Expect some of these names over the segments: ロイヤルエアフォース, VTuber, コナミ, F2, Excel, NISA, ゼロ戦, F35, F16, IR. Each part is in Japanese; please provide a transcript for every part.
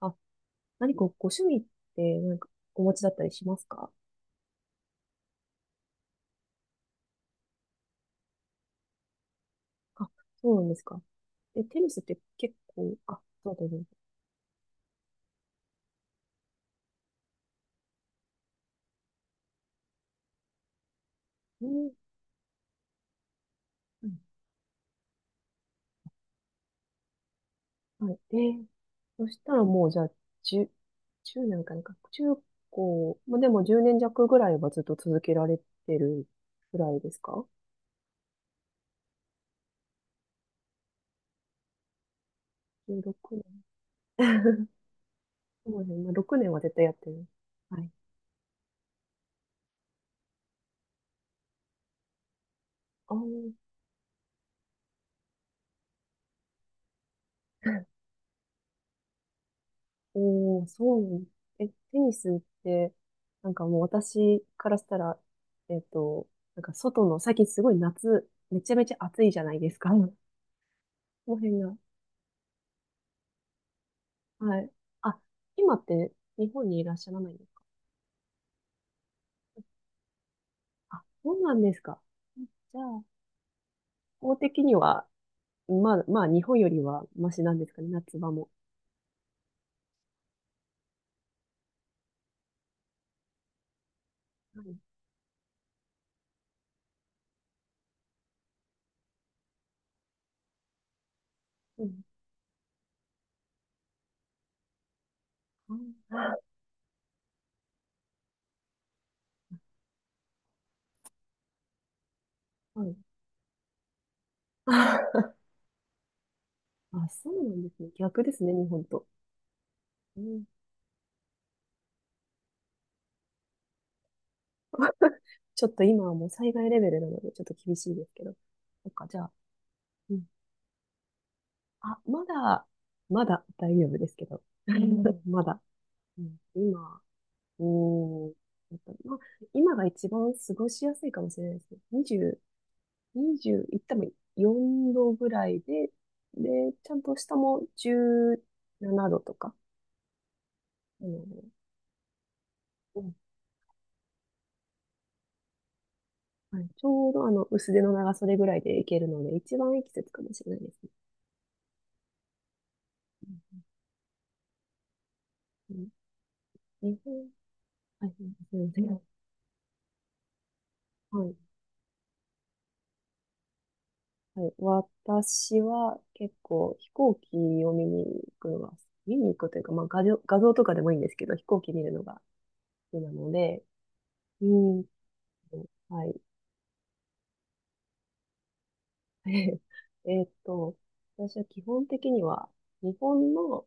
あ、何かご趣味ってお持ちだったりしますか？あ、そうなんですか。え、テニスって結構、あ、そうだね。うん。うん。はい。そしたらもうじゃあ、10、10年かなんか、中高、まあ、でも10年弱ぐらいはずっと続けられてるぐらいですか？ 16 年。そうですね。まあ、年は絶対やってる。はい。ああ。おー、そうなん。え、テニスって、なんかもう私からしたら、えっと、なんか外の、最近すごい夏、めちゃめちゃ暑いじゃないですか。この辺が。はい。あ、今って日本にいらっしゃらないんですか？あ、そうなんですか。じゃあ、法的には、まあ、まあ、日本よりはマシなんですかね、夏場も。はい。うん。はい。はい。 あ、そうなんですね。逆ですね、日本と。うん。ちょっと今はもう災害レベルなので、ちょっと厳しいですけど。そっか、じゃあ、うん。あ、まだ、まだ大丈夫ですけど。うん。 まだ。うん、今、うーん。やっぱまあ、今が一番過ごしやすいかもしれないですね。20、2いっても4度ぐらいで、で、ちゃんと下も17度とか、あのうん。はい、ちょうど薄手の長袖ぐらいでいけるので、一番いい季節かもしれないですね。うん、日本、はい、そうですね。はい。はい、私は結構飛行機を見に行くのが、見に行くというか、まあ画像とかでもいいんですけど、飛行機見るのが好きなので、うーんと、はい。えーっと、私は基本的には日本の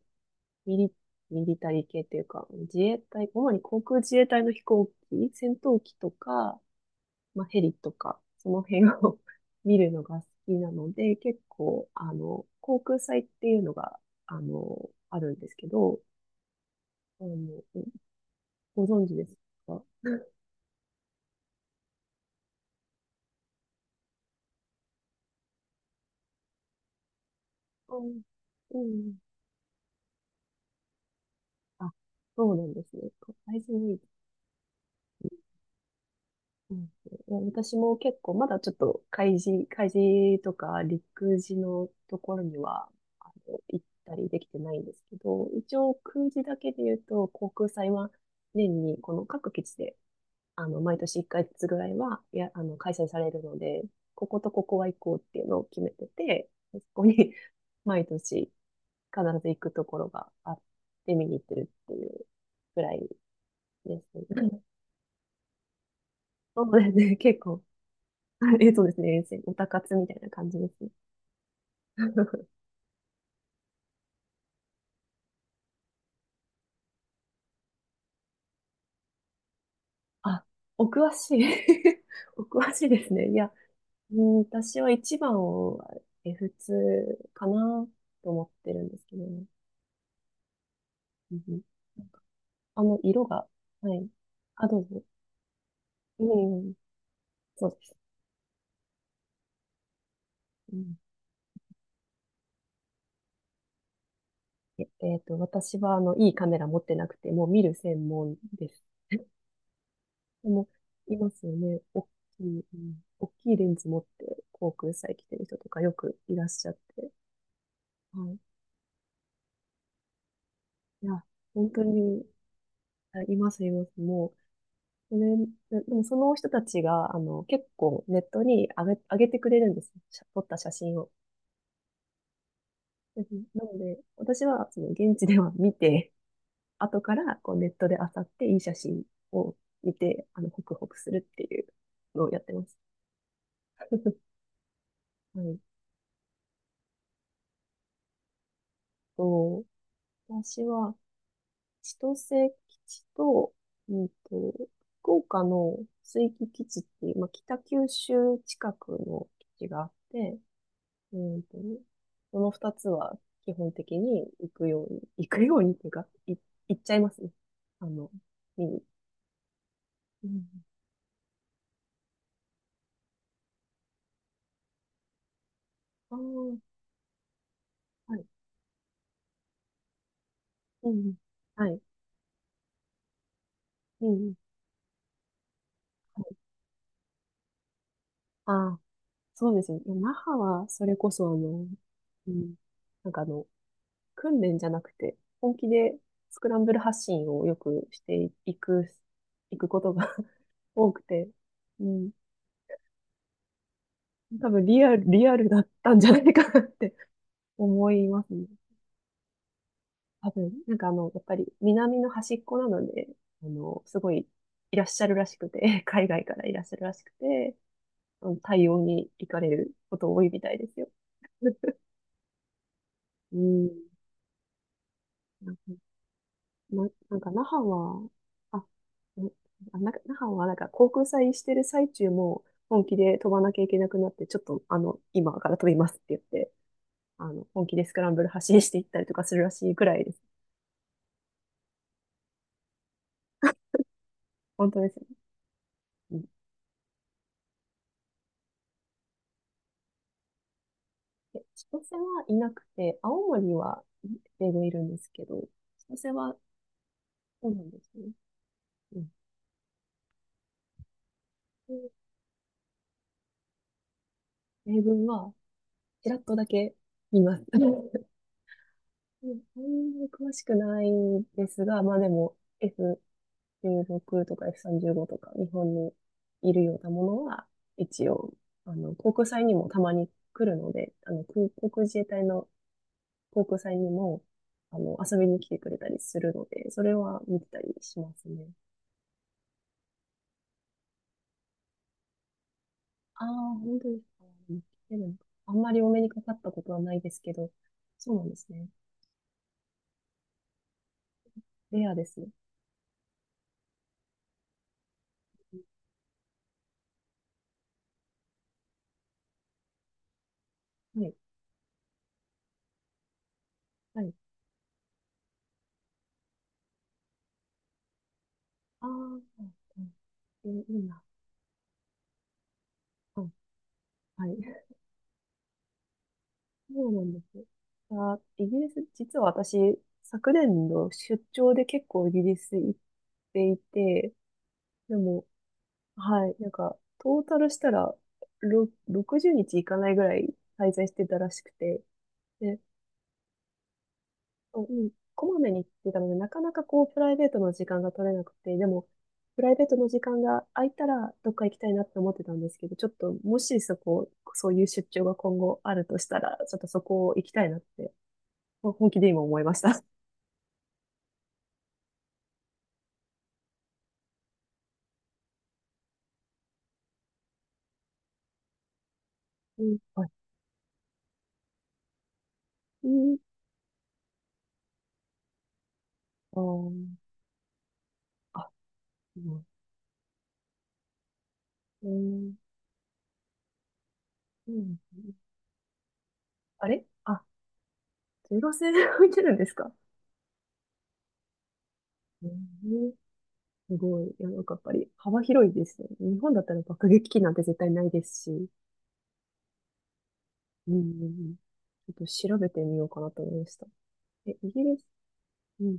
ミリ、ミリタリー系というか、自衛隊、主に航空自衛隊の飛行機、戦闘機とか、まあ、ヘリとか、その辺を 見るのが好きなので、結構、あの、航空祭っていうのが、あの、あるんですけど、あの、ご存知ですか？うん。うん。あ、そうなんですね。海事に、うん、いや私も結構、まだちょっと海事とか陸事のところには、あの、行ったりできてないんですけど、一応空事だけで言うと、航空祭は年にこの各基地であの、毎年1ずつぐらいは、あの、開催されるので、こことここは行こうっていうのを決めてて、そこに 毎年必ず行くところがあって見に行ってるっていうぐらいですね。そうですね、結構。え、そうですね、おたかつみたいな感じですね。あ、お詳しい。お詳しいですね。いや、うん、私は一番を F2 かなと思ってるんですけどね。うん。あの、色が、はい。あ、どうぞ。うん、そうです。うん、私は、あの、いいカメラ持ってなくて、もう見る専門です。でも、いますよね。大きい、うん、大きいレンズ持って、航空祭来てる人とかよくいらっしゃって。はい。いや、本当に、あ、います、います。もう、それで、でもその人たちが、あの、結構ネットに上げてくれるんですよ。写撮った写真を。うん。なので、私は、その、現地では見て、後からこうネットで漁っていい写真を見て、あの、ホクホクするっていうのをやってます。はい。と、私は千歳基地と、うんと、福岡の水域基地っていう、まあ、北九州近くの基地があって、うんと、その二つは基本的に行くように、行くようにっていうか、い、行っちゃいますね。あの、見に。うん、ああ、はい。うん。はい。うん。はい。ああ。そうですよね。い那覇は、それこそ、あの、うん、なんかあの、訓練じゃなくて、本気でスクランブル発信をよくしていく、いくことが 多くて、うん、多分リアルだったんじゃないかなって 思いますね。多分、なんかあの、やっぱり南の端っこなので、あの、すごいいらっしゃるらしくて、海外からいらっしゃるらしくて、あの対応に行かれること多いみたいですよ。うん。な、なんか那覇は、あ、んあ、なんか那覇はなんか航空祭してる最中も本気で飛ばなきゃいけなくなって、ちょっとあの、今から飛びますって言って、あの、本気でスクランブル発進していったりとかするらしいくらいです。本当ですね。うん。え千歳はいなくて、青森は米軍いるんですけど、千歳はそうなんですね。うん。で米軍はちらっとだけ見ます。うん、うん、そんなに詳しくないんですが、まあでも、F16 とか F35 とか日本にいるようなものは、一応、あの、航空祭にもたまに来るので、あの、空航空自衛隊の航空祭にも、あの、遊びに来てくれたりするので、それは見てたりしますね。ああ、本当ですか。見てるのかあんまりお目にかかったことはないですけど、そうなんですね。レアですね。はい。はい。ああ、うん。えいいな。うん。はい。そうなんです。あ、イギリス、実は私、昨年の出張で結構イギリス行っていて、でも、はい、なんか、トータルしたら、ろ60日行かないぐらい滞在してたらしくて、で、うん、こまめに行ってたので、なかなかこう、プライベートの時間が取れなくて、でも、プライベートの時間が空いたら、どっか行きたいなって思ってたんですけど、ちょっと、もしそこ、そういう出張が今後あるとしたら、ちょっとそこを行きたいなって、本気で今思いました。うん、あ、いいか。あ、うん、えー、うん。あれあ、ゼロ戦で置いてるんですか？えー、すごい。いや、なんかやっぱり幅広いですよね。日本だったら爆撃機なんて絶対ないですし。うん、うん、うん。ちょっと調べてみようかなと思いました。え、イギリス、うん、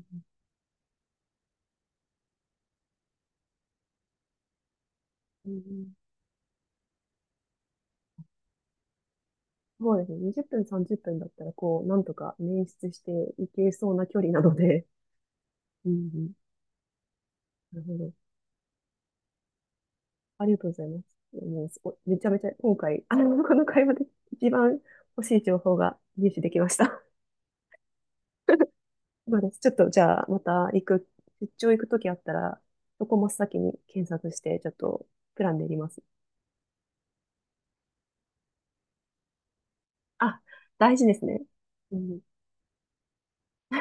うん、そうですね。20分、30分だったら、こう、なんとか捻出していけそうな距離なので、うん、うん、なるほど。ありがとうございます。もうすご、めちゃめちゃ今回、あの、この会話で一番欲しい情報が入手できました。そうです。ちょっと、じゃあ、また行く、出張行くときあったら、そこ真っ先に検索して、ちょっと、プラン練ります。あ、大事ですね。うん。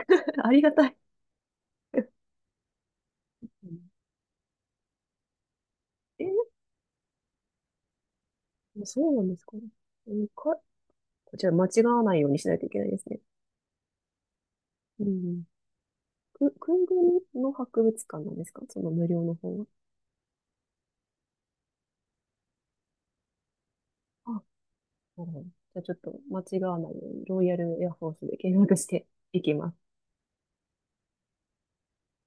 ありがたい。うん、えそうなんですかね。うんか、こちら間違わないようにしないといけないですね。うん。く、空軍の博物館なんですか、その無料の方は。あ、うん、じゃあちょっと間違わないように、ロイヤルエアフォースで検索していきます。